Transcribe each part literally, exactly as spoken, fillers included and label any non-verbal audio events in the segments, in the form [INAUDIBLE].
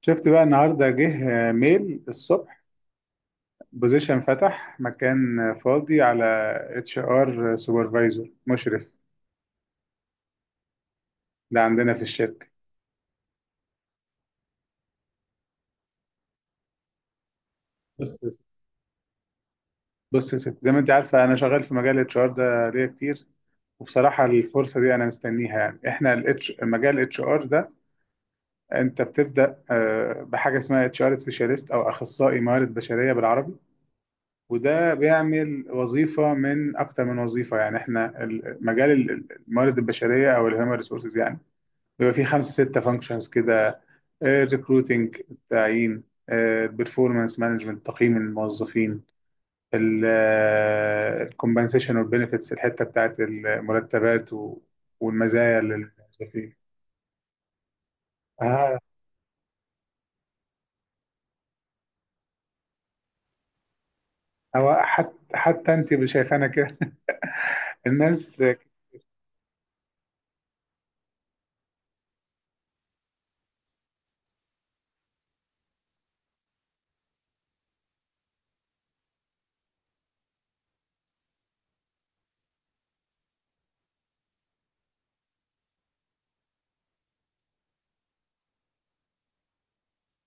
شفت بقى النهارده جه ميل الصبح، بوزيشن فتح، مكان فاضي على اتش ار سوبرفايزر، مشرف. ده عندنا في الشركه. بص يا ست- بص يا ست، زي ما انت عارفه انا شغال في مجال الاتش ار ده ليا كتير. وبصراحه الفرصه دي انا مستنيها. يعني احنا الاتش مجال الاتش ار ده، انت بتبدا آه، بحاجه اسمها اتش ار سبيشاليست، او اخصائي موارد بشريه بالعربي. وده بيعمل وظيفه من اكتر من وظيفه. يعني احنا ال- مجال ال- الموارد البشريه، او الهيومن ريسورسز، يعني بيبقى في خمسة ستة فانكشنز كده: ريكروتنج، التعيين؛ البرفورمانس مانجمنت، تقييم الموظفين؛ الكومبنسيشن والبنفيتس، الحتة بتاعت المرتبات و- والمزايا للموظفين. آه، هو حتى حتى انت شايفانا كده. [LAUGHS] الناس.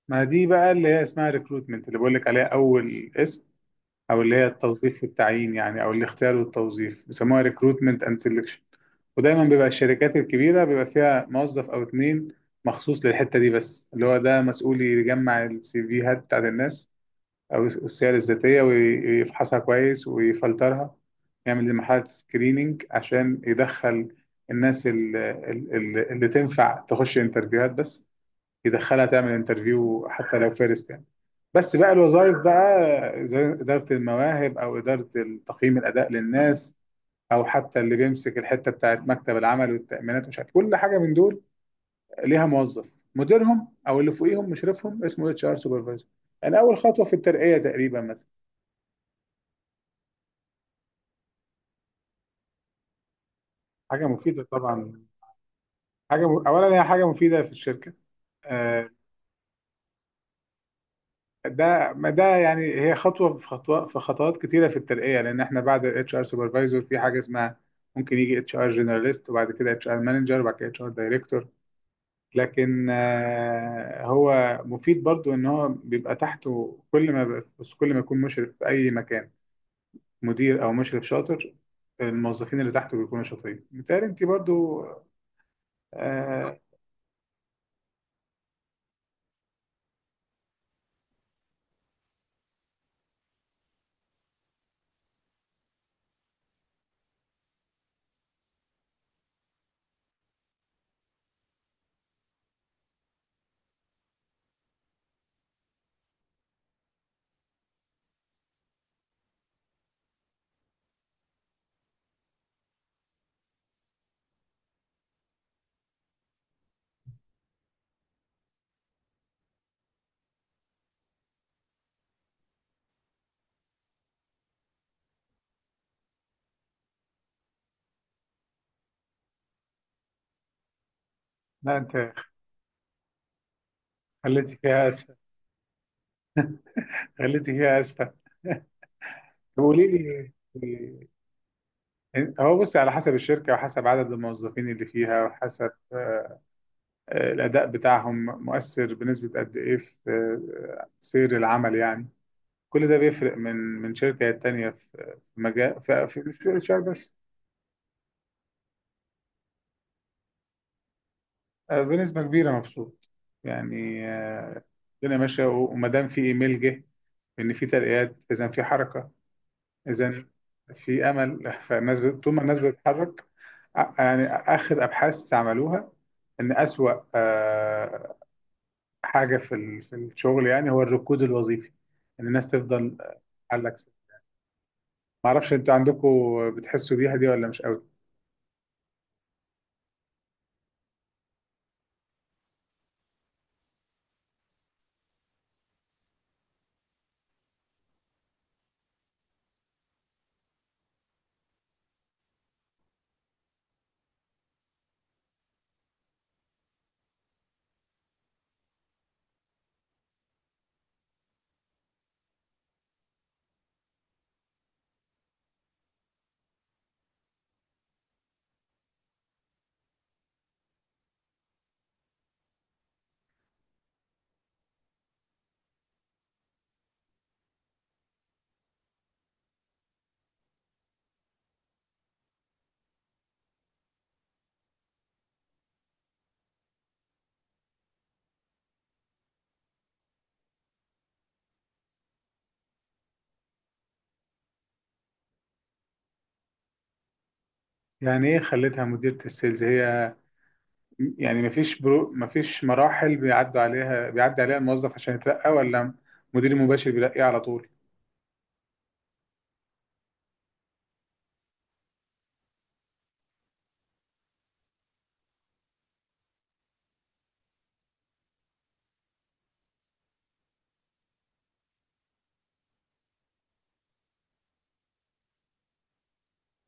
ما دي بقى اللي هي اسمها ريكروتمنت، اللي بقول لك عليها اول اسم، او اللي هي التوظيف والتعيين يعني، او الاختيار والتوظيف، بيسموها ريكروتمنت اند سelection. ودايما بيبقى الشركات الكبيرة بيبقى فيها موظف أو اتنين مخصوص للحتة دي بس، اللي هو ده مسؤول يجمع السي فيهات بتاعت الناس، أو السير الذاتية، ويفحصها كويس، ويفلترها، يعمل لمرحلة سكريننج عشان يدخل الناس ال- ال- ال- اللي تنفع تخش انترفيوهات بس، يدخلها تعمل انترفيو حتى لو فيرست يعني. بس بقى الوظائف بقى زي إدارة المواهب، أو إدارة تقييم الأداء للناس، او حتى اللي بيمسك الحته بتاعت مكتب العمل والتامينات ومش عارف كل حاجه من دول، ليها موظف، مديرهم او اللي فوقيهم مشرفهم اسمه اتش ار سوبرفايزر. يعني اول خطوه في الترقيه تقريبا مثلا. حاجه مفيده طبعا. حاجه م... اولا هي حاجه مفيده في الشركه. آه، ده ما ده يعني هي خطوه في خطوه في خطوات كتيره في الترقيه، لان احنا بعد الاتش ار سوبرفايزر في حاجه اسمها، ممكن يجي اتش ار جنراليست، وبعد كده اتش ار مانجر، وبعد كده اتش ار دايركتور. لكن آه، هو مفيد برضو، ان هو بيبقى تحته كل ما بقى- بس كل ما يكون مشرف في اي مكان، مدير او مشرف شاطر، الموظفين اللي تحته بيكونوا شاطرين، متهيألي انت برضو. آه لا، انت خليتي فيها اسفه، خليتي فيها اسفه. [LAUGHS] طب قولي لي. هو بص، على حسب الشركه، وحسب عدد الموظفين اللي فيها، وحسب آه، الاداء بتاعهم، مؤثر بنسبه قد ايه في آه، سير العمل يعني. كل ده بيفرق من من شركة للتانية، في في مجال، في في- مش في الاتش ار بس. آه، بنسبة كبيرة مبسوط يعني. آه، الدنيا ماشية. وما دام في ايميل جه ان في ترقيات، اذا في حركة، اذا في امل. [LAUGHS] فالناس بت- طول ما الناس بتتحرك. آه، يعني اخر ابحاث عملوها ان اسوأ آه، حاجة في ال- في الشغل يعني، هو الركود الوظيفي، ان الناس تفضل على الأكسل. معرفش انتوا عندكم بتحسوا بيها دي ولا مش قوي؟ يعني ايه خلتها مديرة السيلز هي؟ يعني مفيش برو مفيش مراحل بيعدوا عليها، بيعدي عليها الموظف عشان يترقى، ولا مدير مباشر بيلاقيه على طول؟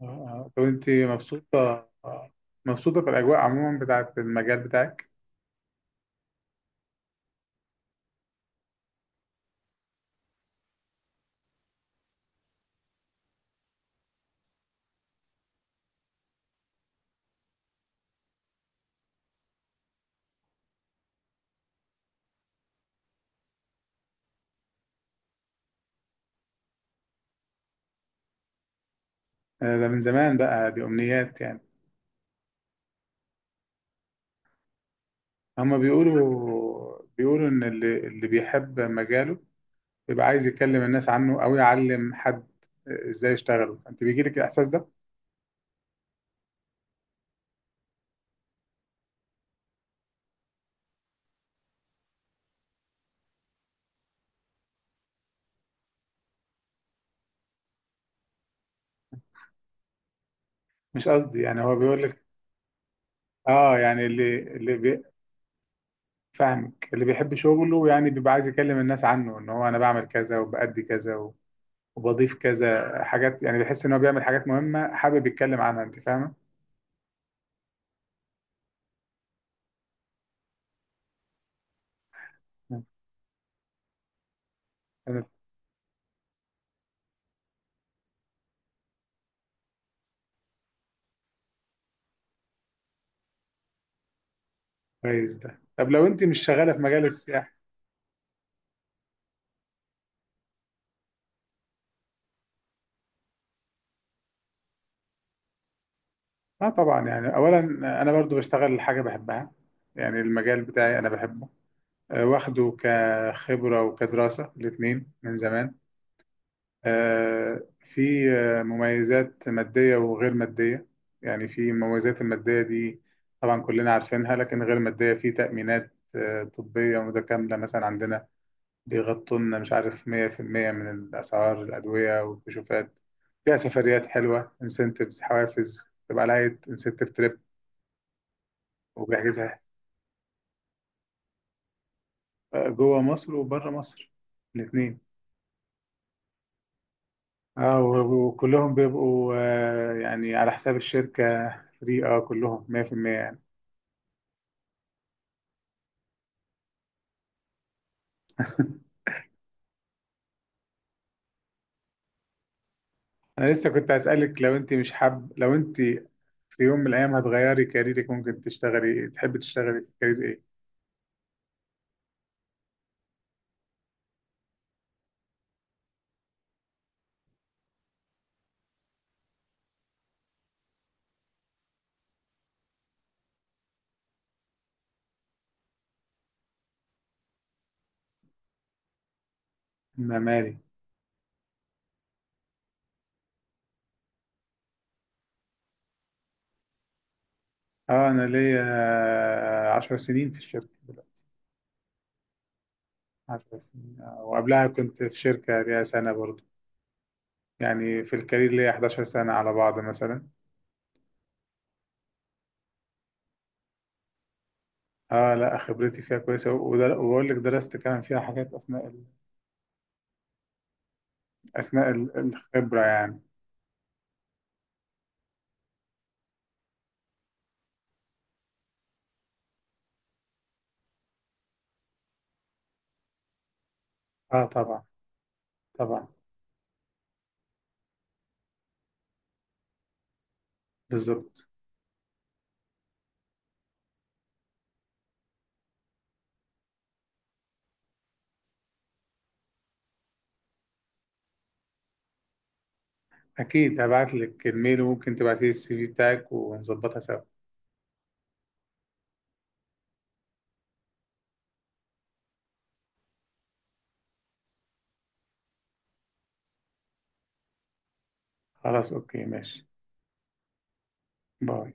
آه، آه. طب انت مبسوطة، آه، مبسوطة في الأجواء عموما بتاعة المجال بتاعك؟ آه، ده من زمان بقى، دي أمنيات يعني. هما بيقولوا بيقولوا إن اللي اللي بيحب مجاله بيبقى عايز يكلم الناس عنه، أو يعلم حد آه، إزاي يشتغله. أنت بيجيلك الإحساس ده؟ مش قصدي يعني. هو بيقول لك، اه، يعني اللي اللي بي فاهمك، اللي بيحب شغله يعني بيبقى عايز يكلم الناس عنه، ان هو انا بعمل كذا، وبأدي كذا، و- وبضيف كذا حاجات. يعني بيحس ان هو بيعمل حاجات مهمة، حابب يتكلم عنها. انت فاهمة؟ مم. انا كويس ده. طب لو انت مش شغالة في مجال السياحة؟ اه طبعا. يعني اولا انا برضو بشتغل حاجة بحبها، يعني المجال بتاعي انا بحبه، آه، واخده كخبرة وكدراسة، الاتنين، من زمان. آه، في آه، مميزات مادية وغير مادية. يعني في المميزات المادية دي طبعا كلنا عارفينها، لكن غير مادية في تأمينات آه، طبية متكاملة مثلا عندنا، بيغطوا لنا مش عارف مية في المية من الأسعار، الأدوية والكشوفات. فيها سفريات حلوة، انسنتفز، حوافز تبقى لها انسنتف تريب، وبيحجزها، آه، جوه مصر وبره مصر، الاتنين. اه و- وكلهم بيبقوا آه، يعني على حساب الشركة. فري، اه، كلهم مية في المية. انا لسه كنت هسألك، لو انت مش حاب لو انت في يوم من الايام هتغيري كاريرك، ممكن تشتغلي تحبي تشتغلي في كارير ايه؟ معماري. اه، انا ليا عشر سنين في الشركة دلوقتي. عشر سنين آه، وقبلها كنت في شركة ليا سنة برضو. يعني في الكارير ليا احد عشر سنة على بعض مثلا. اه لا، خبرتي فيها كويسة، ودر- وبقول لك درست كمان فيها حاجات اثناء ال- اثناء ال- الخبرة يعني. اه طبعا، طبعا. بالظبط. أكيد هبعت لك الميل، وممكن تبعتي لي السي في بتاعك ونظبطها سوا. خلاص أوكي، ماشي. باي.